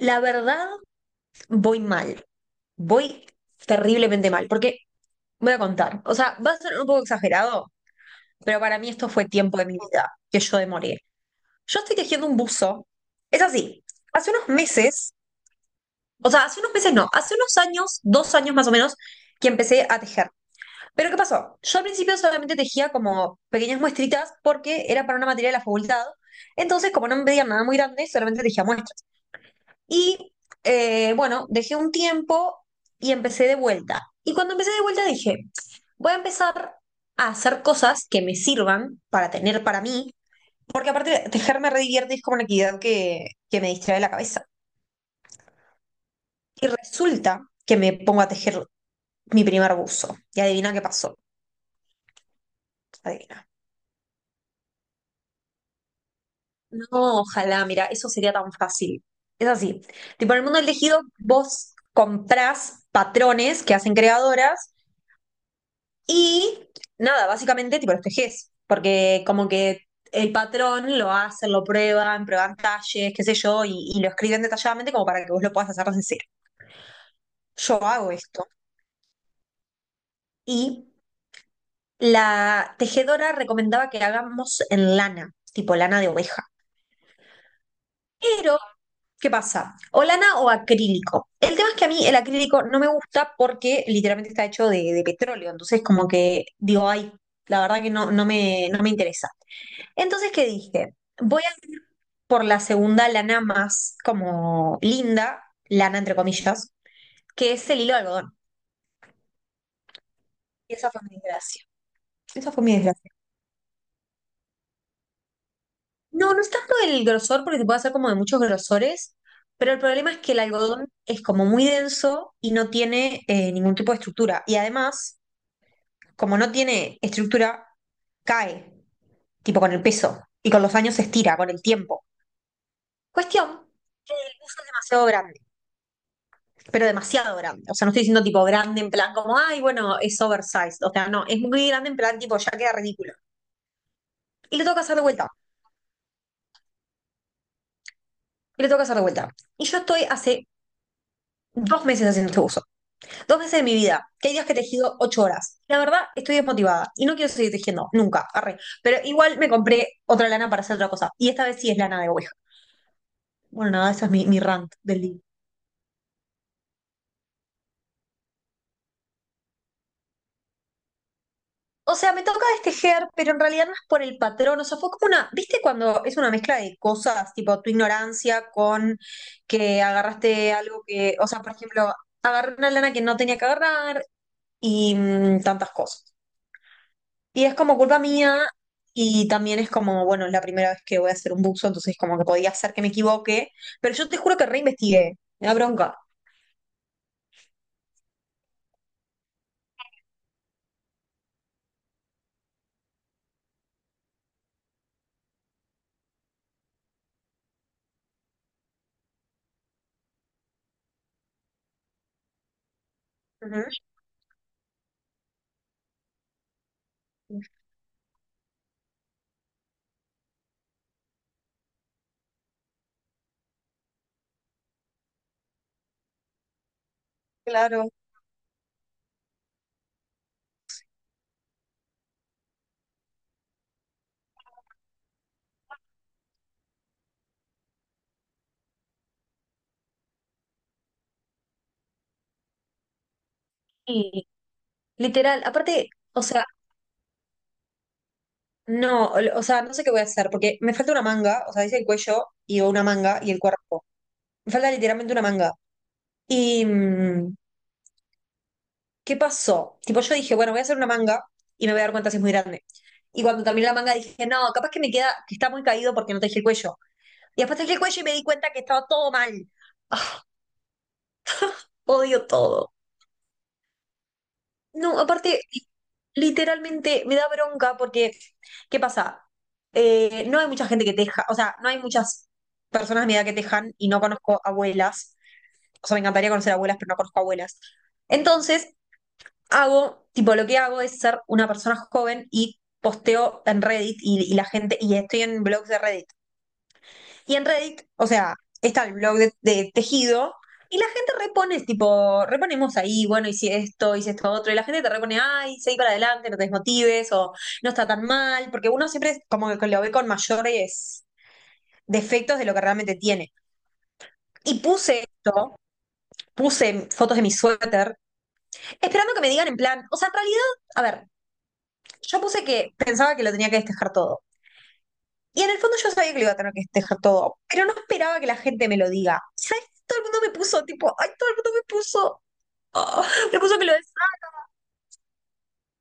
La verdad, voy mal. Voy terriblemente mal. Porque voy a contar. O sea, va a ser un poco exagerado, pero para mí esto fue tiempo de mi vida que yo demoré. Yo estoy tejiendo un buzo. Es así. Hace unos meses, o sea, hace unos meses no, hace unos años, 2 años más o menos, que empecé a tejer. Pero ¿qué pasó? Yo al principio solamente tejía como pequeñas muestritas porque era para una materia de la facultad. Entonces, como no me pedían nada muy grande, solamente tejía muestras. Y bueno, dejé un tiempo y empecé de vuelta. Y cuando empecé de vuelta dije, voy a empezar a hacer cosas que me sirvan para tener para mí, porque aparte tejer me redivierte y es como una actividad que me distrae la cabeza. Y resulta que me pongo a tejer mi primer buzo. Y adivina qué pasó. Adivina. No, ojalá, mira, eso sería tan fácil. Es así. Tipo, en el mundo del tejido, vos comprás patrones que hacen creadoras. Y nada, básicamente te proteges, porque como que el patrón lo hacen, lo prueban, prueban talles, qué sé yo, y lo escriben detalladamente como para que vos lo puedas hacer desde cero. Yo hago esto. Y la tejedora recomendaba que hagamos en lana, tipo lana de oveja. Pero, ¿qué pasa? O lana o acrílico. El tema es que a mí el acrílico no me gusta porque literalmente está hecho de petróleo. Entonces, como que digo, ay, la verdad que no, no me interesa. Entonces, ¿qué dije? Voy a por la segunda lana más como linda, lana entre comillas, que es el hilo de algodón. Y esa fue mi desgracia. Esa fue mi desgracia. No, no es tanto el grosor, porque se puede hacer como de muchos grosores, pero el problema es que el algodón es como muy denso y no tiene ningún tipo de estructura. Y además, como no tiene estructura, cae, tipo con el peso, y con los años se estira, con el tiempo. Cuestión que el buzo es demasiado grande, pero demasiado grande. O sea, no estoy diciendo tipo grande en plan como, ay, bueno, es oversized. O sea, no, es muy grande en plan tipo, ya queda ridículo. Y le toca hacer de vuelta, y le toca hacer de vuelta. Y yo estoy hace 2 meses haciendo este uso. 2 meses de mi vida. Que hay días que he tejido 8 horas. La verdad, estoy desmotivada y no quiero seguir tejiendo, nunca, arre. Pero igual me compré otra lana para hacer otra cosa. Y esta vez sí es lana de oveja. Bueno, nada, esa es mi rant del día. O sea, me toca destejer, pero en realidad no es por el patrón. O sea, fue como una, ¿viste cuando es una mezcla de cosas, tipo tu ignorancia con que agarraste algo que, o sea, por ejemplo, agarré una lana que no tenía que agarrar y tantas cosas. Y es como culpa mía y también es como, bueno, es la primera vez que voy a hacer un buzo, entonces como que podía ser que me equivoque, pero yo te juro que reinvestigué, me da bronca. Ujú. Claro. Y literal, aparte, o sea, no, o sea, no sé qué voy a hacer, porque me falta una manga, o sea, dice el cuello y una manga y el cuerpo. Me falta literalmente una manga. Y, mm, ¿Qué pasó? Tipo, yo dije, bueno, voy a hacer una manga y me voy a dar cuenta si es muy grande. Y cuando terminé la manga dije, no, capaz que me queda, que está muy caído porque no tejí el cuello. Y después tejí el cuello y me di cuenta que estaba todo mal. Ah, odio todo. No, aparte, literalmente me da bronca porque, ¿qué pasa? No hay mucha gente que teja, o sea, no hay muchas personas de mi edad que tejan y no conozco abuelas. O sea, me encantaría conocer abuelas, pero no conozco abuelas. Entonces, hago, tipo lo que hago es ser una persona joven y posteo en Reddit y la gente, y estoy en blogs de Reddit. Y en Reddit, o sea, está el blog de tejido y la gente repone, tipo, reponemos ahí, bueno, hice esto otro, y la gente te repone, ay, seguí para adelante, no te desmotives, o no está tan mal, porque uno siempre es como que lo ve con mayores defectos de lo que realmente tiene. Y puse esto, puse fotos de mi suéter, esperando que me digan en plan, o sea, en realidad, a ver, yo puse que pensaba que lo tenía que destejar todo. Y en el fondo yo sabía que lo iba a tener que destejar todo, pero no esperaba que la gente me lo diga. ¿Sabes? Todo el mundo me puso, tipo, ay, todo el mundo me puso, ah, me puso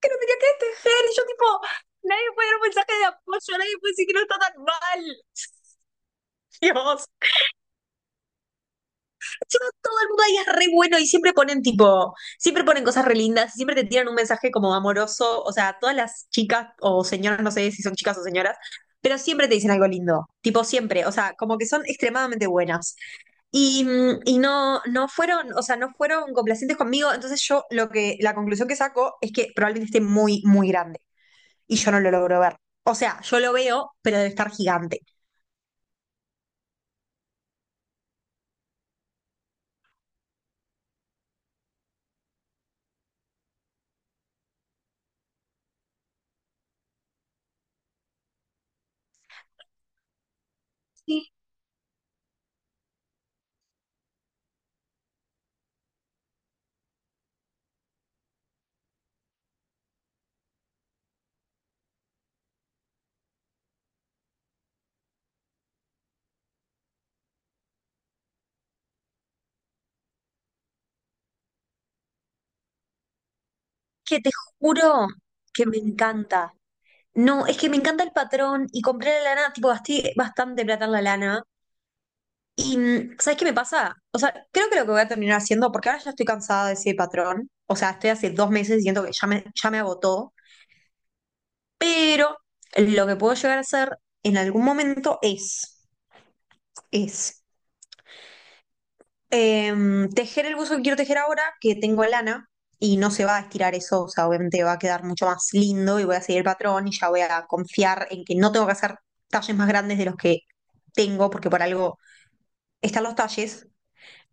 que lo tenía que destejar. Y yo, tipo, nadie puede dar un mensaje de apoyo, nadie puede decir que no está tan mal. Dios. Encima todo el mundo ahí es re bueno y siempre ponen tipo, siempre ponen cosas re lindas, siempre te tiran un mensaje como amoroso, o sea, todas las chicas o señoras, no sé si son chicas o señoras, pero siempre te dicen algo lindo, tipo siempre, o sea, como que son extremadamente buenas. Y no, no fueron, o sea, no fueron complacientes conmigo, entonces yo lo que, la conclusión que saco es que probablemente esté muy, muy grande y yo no lo logro ver. O sea, yo lo veo, pero debe estar gigante. Sí, que te juro que me encanta. No, es que me encanta el patrón y compré la lana, tipo, gasté bastante plata en la lana. ¿Sabes qué me pasa? O sea, creo que lo que voy a terminar haciendo, porque ahora ya estoy cansada de ese patrón, o sea, estoy hace 2 meses y siento que ya me agotó, pero lo que puedo llegar a hacer en algún momento es tejer el buzo que quiero tejer ahora, que tengo lana, y no se va a estirar eso, o sea, obviamente va a quedar mucho más lindo y voy a seguir el patrón y ya voy a confiar en que no tengo que hacer talles más grandes de los que tengo, porque por algo están los talles.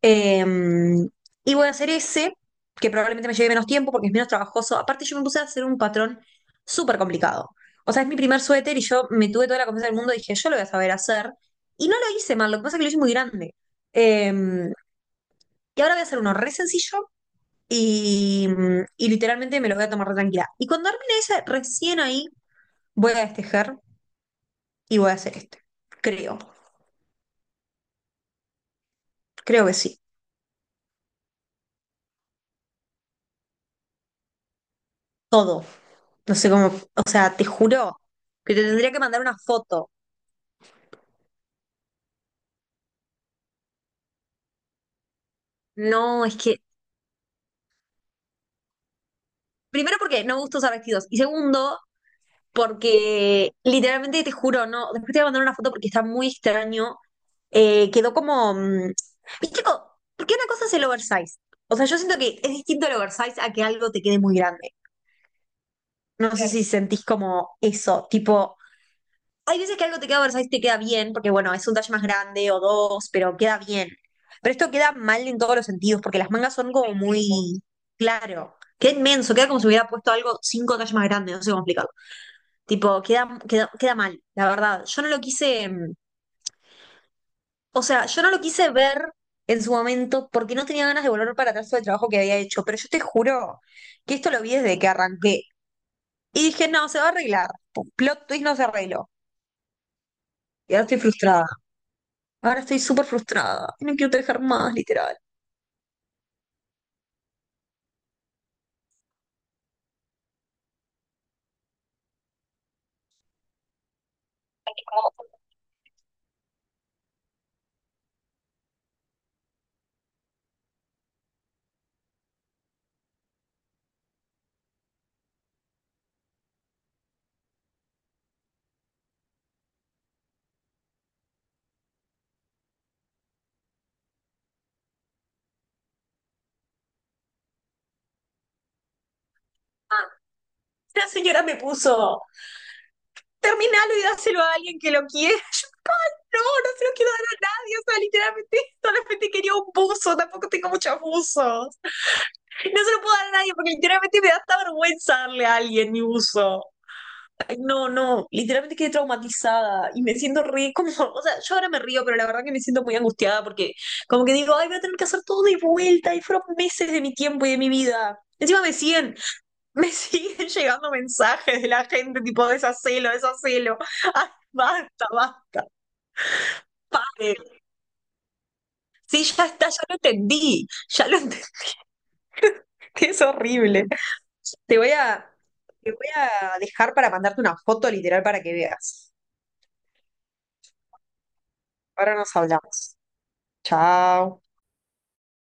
Em, y voy a hacer ese, que probablemente me lleve menos tiempo porque es menos trabajoso. Aparte, yo me puse a hacer un patrón súper complicado. O sea, es mi primer suéter y yo me tuve toda la confianza del mundo dije, yo lo voy a saber hacer. Y no lo hice mal, lo que pasa es que lo hice muy grande. Eh, y ahora voy a hacer uno re sencillo y, y literalmente me lo voy a tomar re tranquila. Y cuando termine ese, recién ahí voy a destejar y voy a hacer este. Creo, creo que sí. Todo. No sé cómo, o sea, te juro que te tendría que mandar una foto. No, es que, primero porque no me gusta usar vestidos y segundo porque literalmente te juro, no, después te voy a mandar una foto porque está muy extraño. Quedó como, viste, porque una cosa es el oversize. O sea, yo siento que es distinto el oversize a que algo te quede muy grande. No sé, claro, si sentís como eso, tipo, hay veces que algo te queda oversize y te queda bien, porque bueno, es un talle más grande o dos, pero queda bien. Pero esto queda mal en todos los sentidos, porque las mangas son como muy, claro, queda inmenso, queda como si hubiera puesto algo 5 tallas más grande, no sé cómo explicarlo. Tipo, queda mal, la verdad. Yo no lo quise, o sea, yo no lo quise ver en su momento porque no tenía ganas de volver para atrás sobre el trabajo que había hecho, pero yo te juro que esto lo vi desde que arranqué. Y dije, no, se va a arreglar. Pum, plot twist, no se arregló. Y ahora estoy frustrada. Ahora estoy súper frustrada. No quiero trabajar más, literal. Ah, la señora me puso, terminalo y dáselo a alguien que lo quiera. No, no se lo quiero dar a nadie, o sea, literalmente solamente quería un buzo, tampoco tengo muchos buzos. No se lo puedo dar a nadie porque literalmente me da hasta vergüenza darle a alguien mi buzo. Ay, no, no, literalmente quedé traumatizada y me siento re, como, o sea, yo ahora me río, pero la verdad que me siento muy angustiada porque como que digo, ay, voy a tener que hacer todo de vuelta y fueron meses de mi tiempo y de mi vida. Encima me siguen, me siguen llegando mensajes de la gente tipo, deshacelo, deshacelo. Ay, basta, basta, paren. Sí, ya está, ya lo entendí, es horrible. Te voy a, te voy a dejar para mandarte una foto literal para que veas. Ahora nos hablamos. Chao.